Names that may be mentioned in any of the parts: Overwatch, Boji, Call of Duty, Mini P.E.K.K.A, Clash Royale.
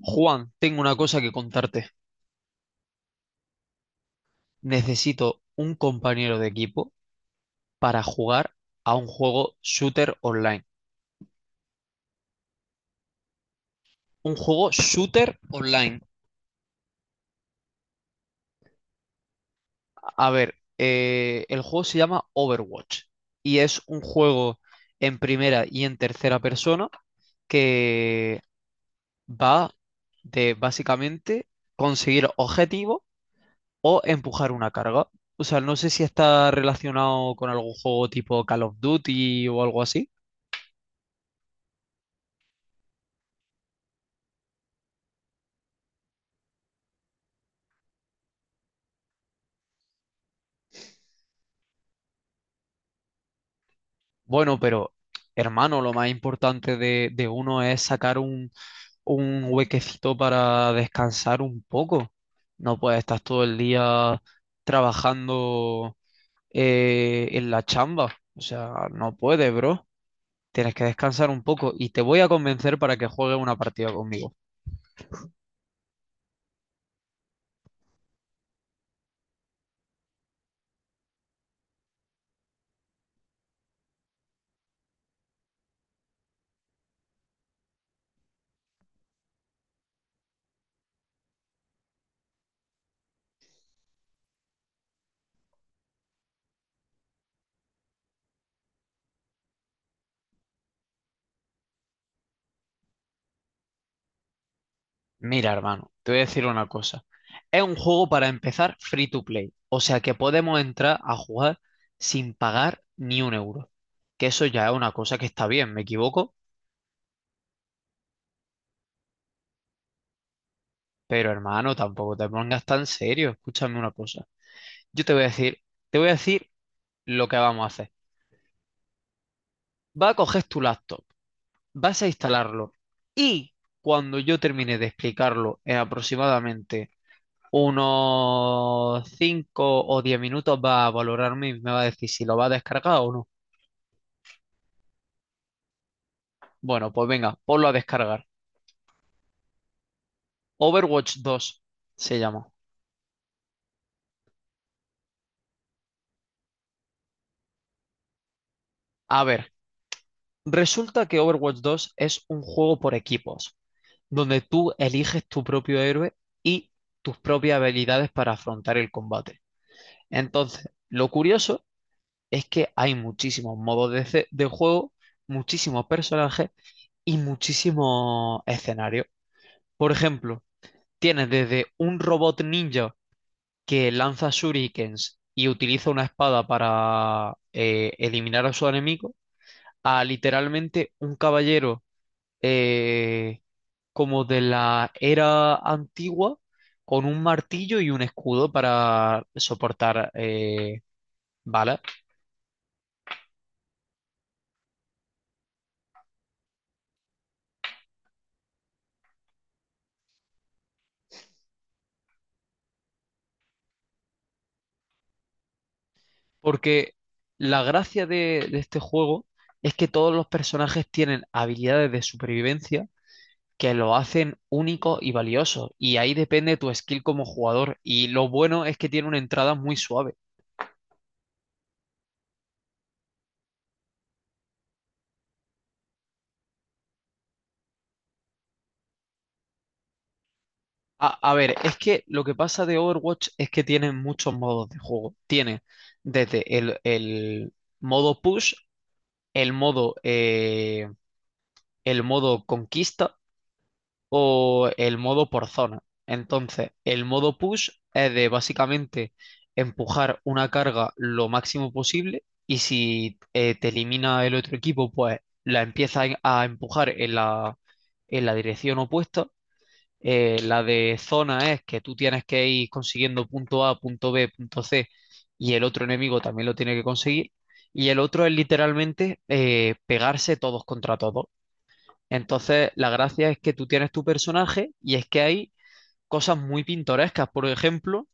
Juan, tengo una cosa que contarte. Necesito un compañero de equipo para jugar a un juego shooter online. Un juego shooter online. A ver, el juego se llama Overwatch y es un juego en primera y en tercera persona que va de básicamente conseguir objetivos o empujar una carga. O sea, no sé si está relacionado con algún juego tipo Call of Duty o algo así. Bueno, pero hermano, lo más importante de uno es sacar un huequecito para descansar un poco. No puedes estar todo el día trabajando en la chamba. O sea, no puedes, bro. Tienes que descansar un poco y te voy a convencer para que juegues una partida conmigo. Mira, hermano, te voy a decir una cosa. Es un juego para empezar free to play, o sea que podemos entrar a jugar sin pagar ni un euro. Que eso ya es una cosa que está bien, me equivoco, pero hermano, tampoco te pongas tan serio. Escúchame una cosa. Yo te voy a decir, te voy a decir lo que vamos a hacer. Vas a coger tu laptop, vas a instalarlo y cuando yo termine de explicarlo en aproximadamente unos 5 o 10 minutos va a valorarme y me va a decir si lo va a descargar o no. Bueno, pues venga, ponlo a descargar. Overwatch dos se llama. A ver, resulta que Overwatch dos es un juego por equipos, donde tú eliges tu propio héroe y tus propias habilidades para afrontar el combate. Entonces, lo curioso es que hay muchísimos modos de juego, muchísimos personajes y muchísimos escenarios. Por ejemplo, tienes desde un robot ninja que lanza shurikens y utiliza una espada para eliminar a su enemigo, a literalmente un caballero eh, como de la era antigua con un martillo y un escudo para soportar balas. Porque la gracia de este juego es que todos los personajes tienen habilidades de supervivencia que lo hacen único y valioso. Y ahí depende tu skill como jugador. Y lo bueno es que tiene una entrada muy suave. A ver, es que lo que pasa de Overwatch es que tiene muchos modos de juego. Tiene desde el modo push, el modo, eh, el modo conquista o el modo por zona. Entonces, el modo push es de básicamente empujar una carga lo máximo posible y si te elimina el otro equipo, pues la empieza a empujar en en la dirección opuesta. La de zona es que tú tienes que ir consiguiendo punto A, punto B, punto C y el otro enemigo también lo tiene que conseguir. Y el otro es literalmente pegarse todos contra todos. Entonces, la gracia es que tú tienes tu personaje y es que hay cosas muy pintorescas. Por ejemplo,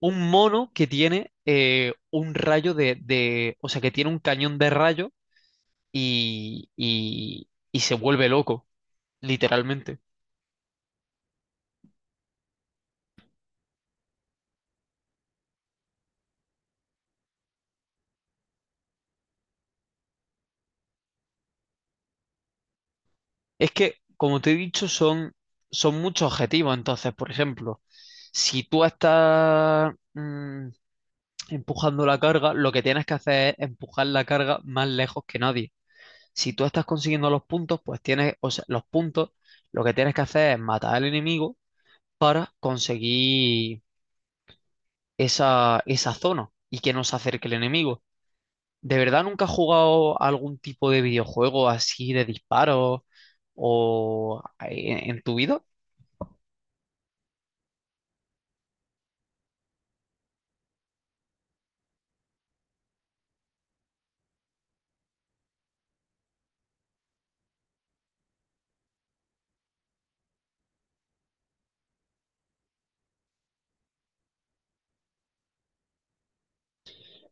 un mono que tiene un rayo o sea, que tiene un cañón de rayo y se vuelve loco, literalmente. Es que, como te he dicho, son muchos objetivos. Entonces, por ejemplo, si tú estás empujando la carga, lo que tienes que hacer es empujar la carga más lejos que nadie. Si tú estás consiguiendo los puntos, pues tienes, o sea, los puntos, lo que tienes que hacer es matar al enemigo para conseguir esa zona y que no se acerque el enemigo. ¿De verdad nunca has jugado algún tipo de videojuego así de disparos o en tu vida?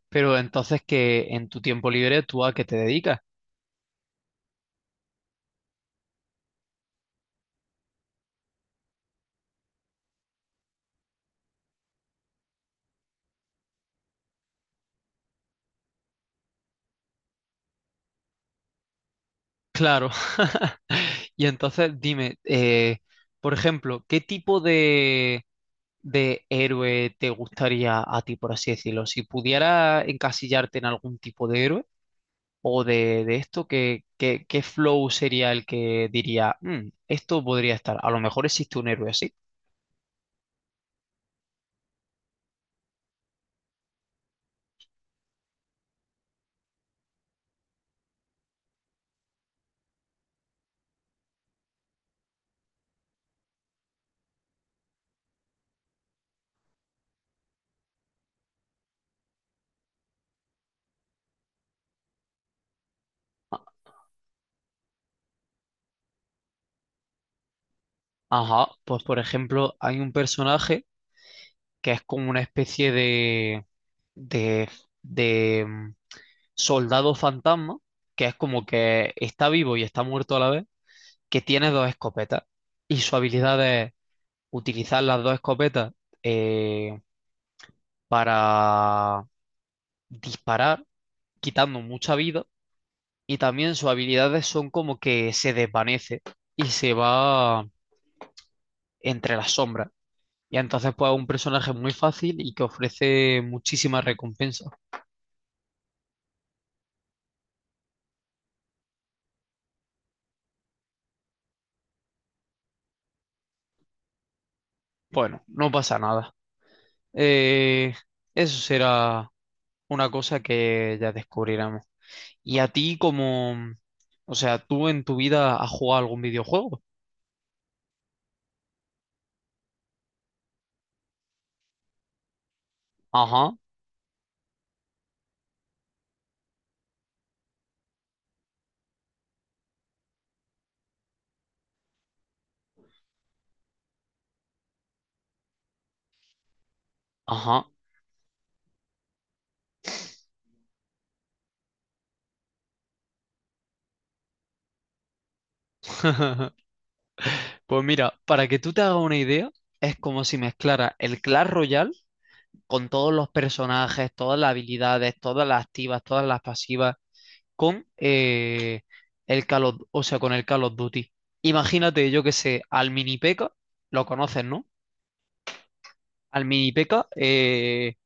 Pero entonces que en tu tiempo libre tú a qué te dedicas. Claro. Y entonces dime, por ejemplo, ¿qué tipo de héroe te gustaría a ti, por así decirlo? Si pudiera encasillarte en algún tipo de héroe o de esto, ¿ qué flow sería el que diría, "Mm, esto podría estar"? A lo mejor existe un héroe así. Ajá, pues por ejemplo, hay un personaje que es como una especie de, de soldado fantasma, que es como que está vivo y está muerto a la vez, que tiene dos escopetas y su habilidad es utilizar las dos escopetas eh, para disparar, quitando mucha vida. Y también sus habilidades son como que se desvanece y se va entre las sombras. Y entonces pues es un personaje muy fácil y que ofrece muchísimas recompensas. Bueno, no pasa nada. Eh, eso será una cosa que ya descubriremos. ¿Y a ti como... o sea, tú en tu vida has jugado algún videojuego? Ajá, ajá. Pues mira, para que tú te hagas una idea, es como si mezclara el Clash Royale con todos los personajes, todas las habilidades, todas las activas, todas las pasivas, con el Call of, o sea, con el Call of Duty. Imagínate, yo que sé, al Mini P.E.K.K.A, lo conoces, ¿no? Al Mini P.E.K.K.A, eh,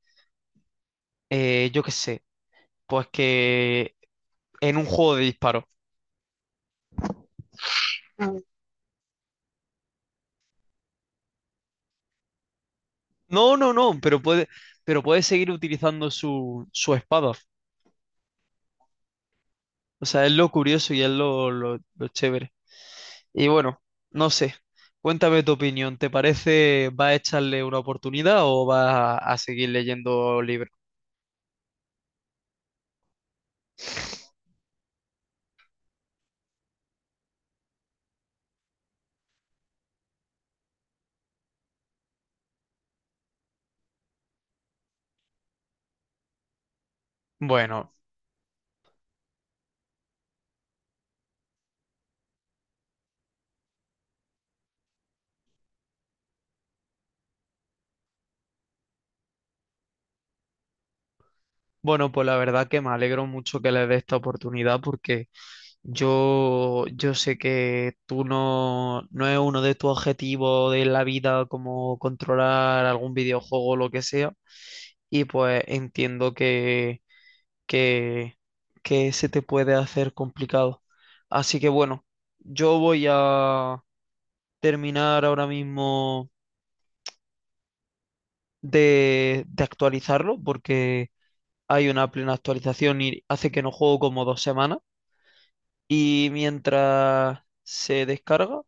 eh, yo que sé, pues que en un juego de disparos. Mm. No, no, no, pero puede seguir utilizando su espada. O sea, es lo curioso y es lo chévere. Y bueno, no sé, cuéntame tu opinión. ¿Te parece, va a echarle una oportunidad o va a seguir leyendo libros? Bueno, bueno, pues la verdad que me alegro mucho que le dé esta oportunidad porque yo sé que tú no, no es uno de tus objetivos de la vida como controlar algún videojuego o lo que sea. Y pues entiendo que, que se te puede hacer complicado. Así que bueno, yo voy a terminar ahora mismo de actualizarlo porque hay una plena actualización y hace que no juego como dos semanas. Y mientras se descarga,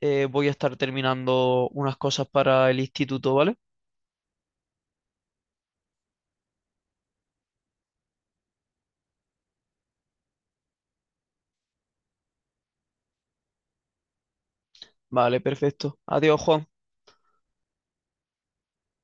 voy a estar terminando unas cosas para el instituto, ¿vale? Vale, perfecto. Adiós, Juan.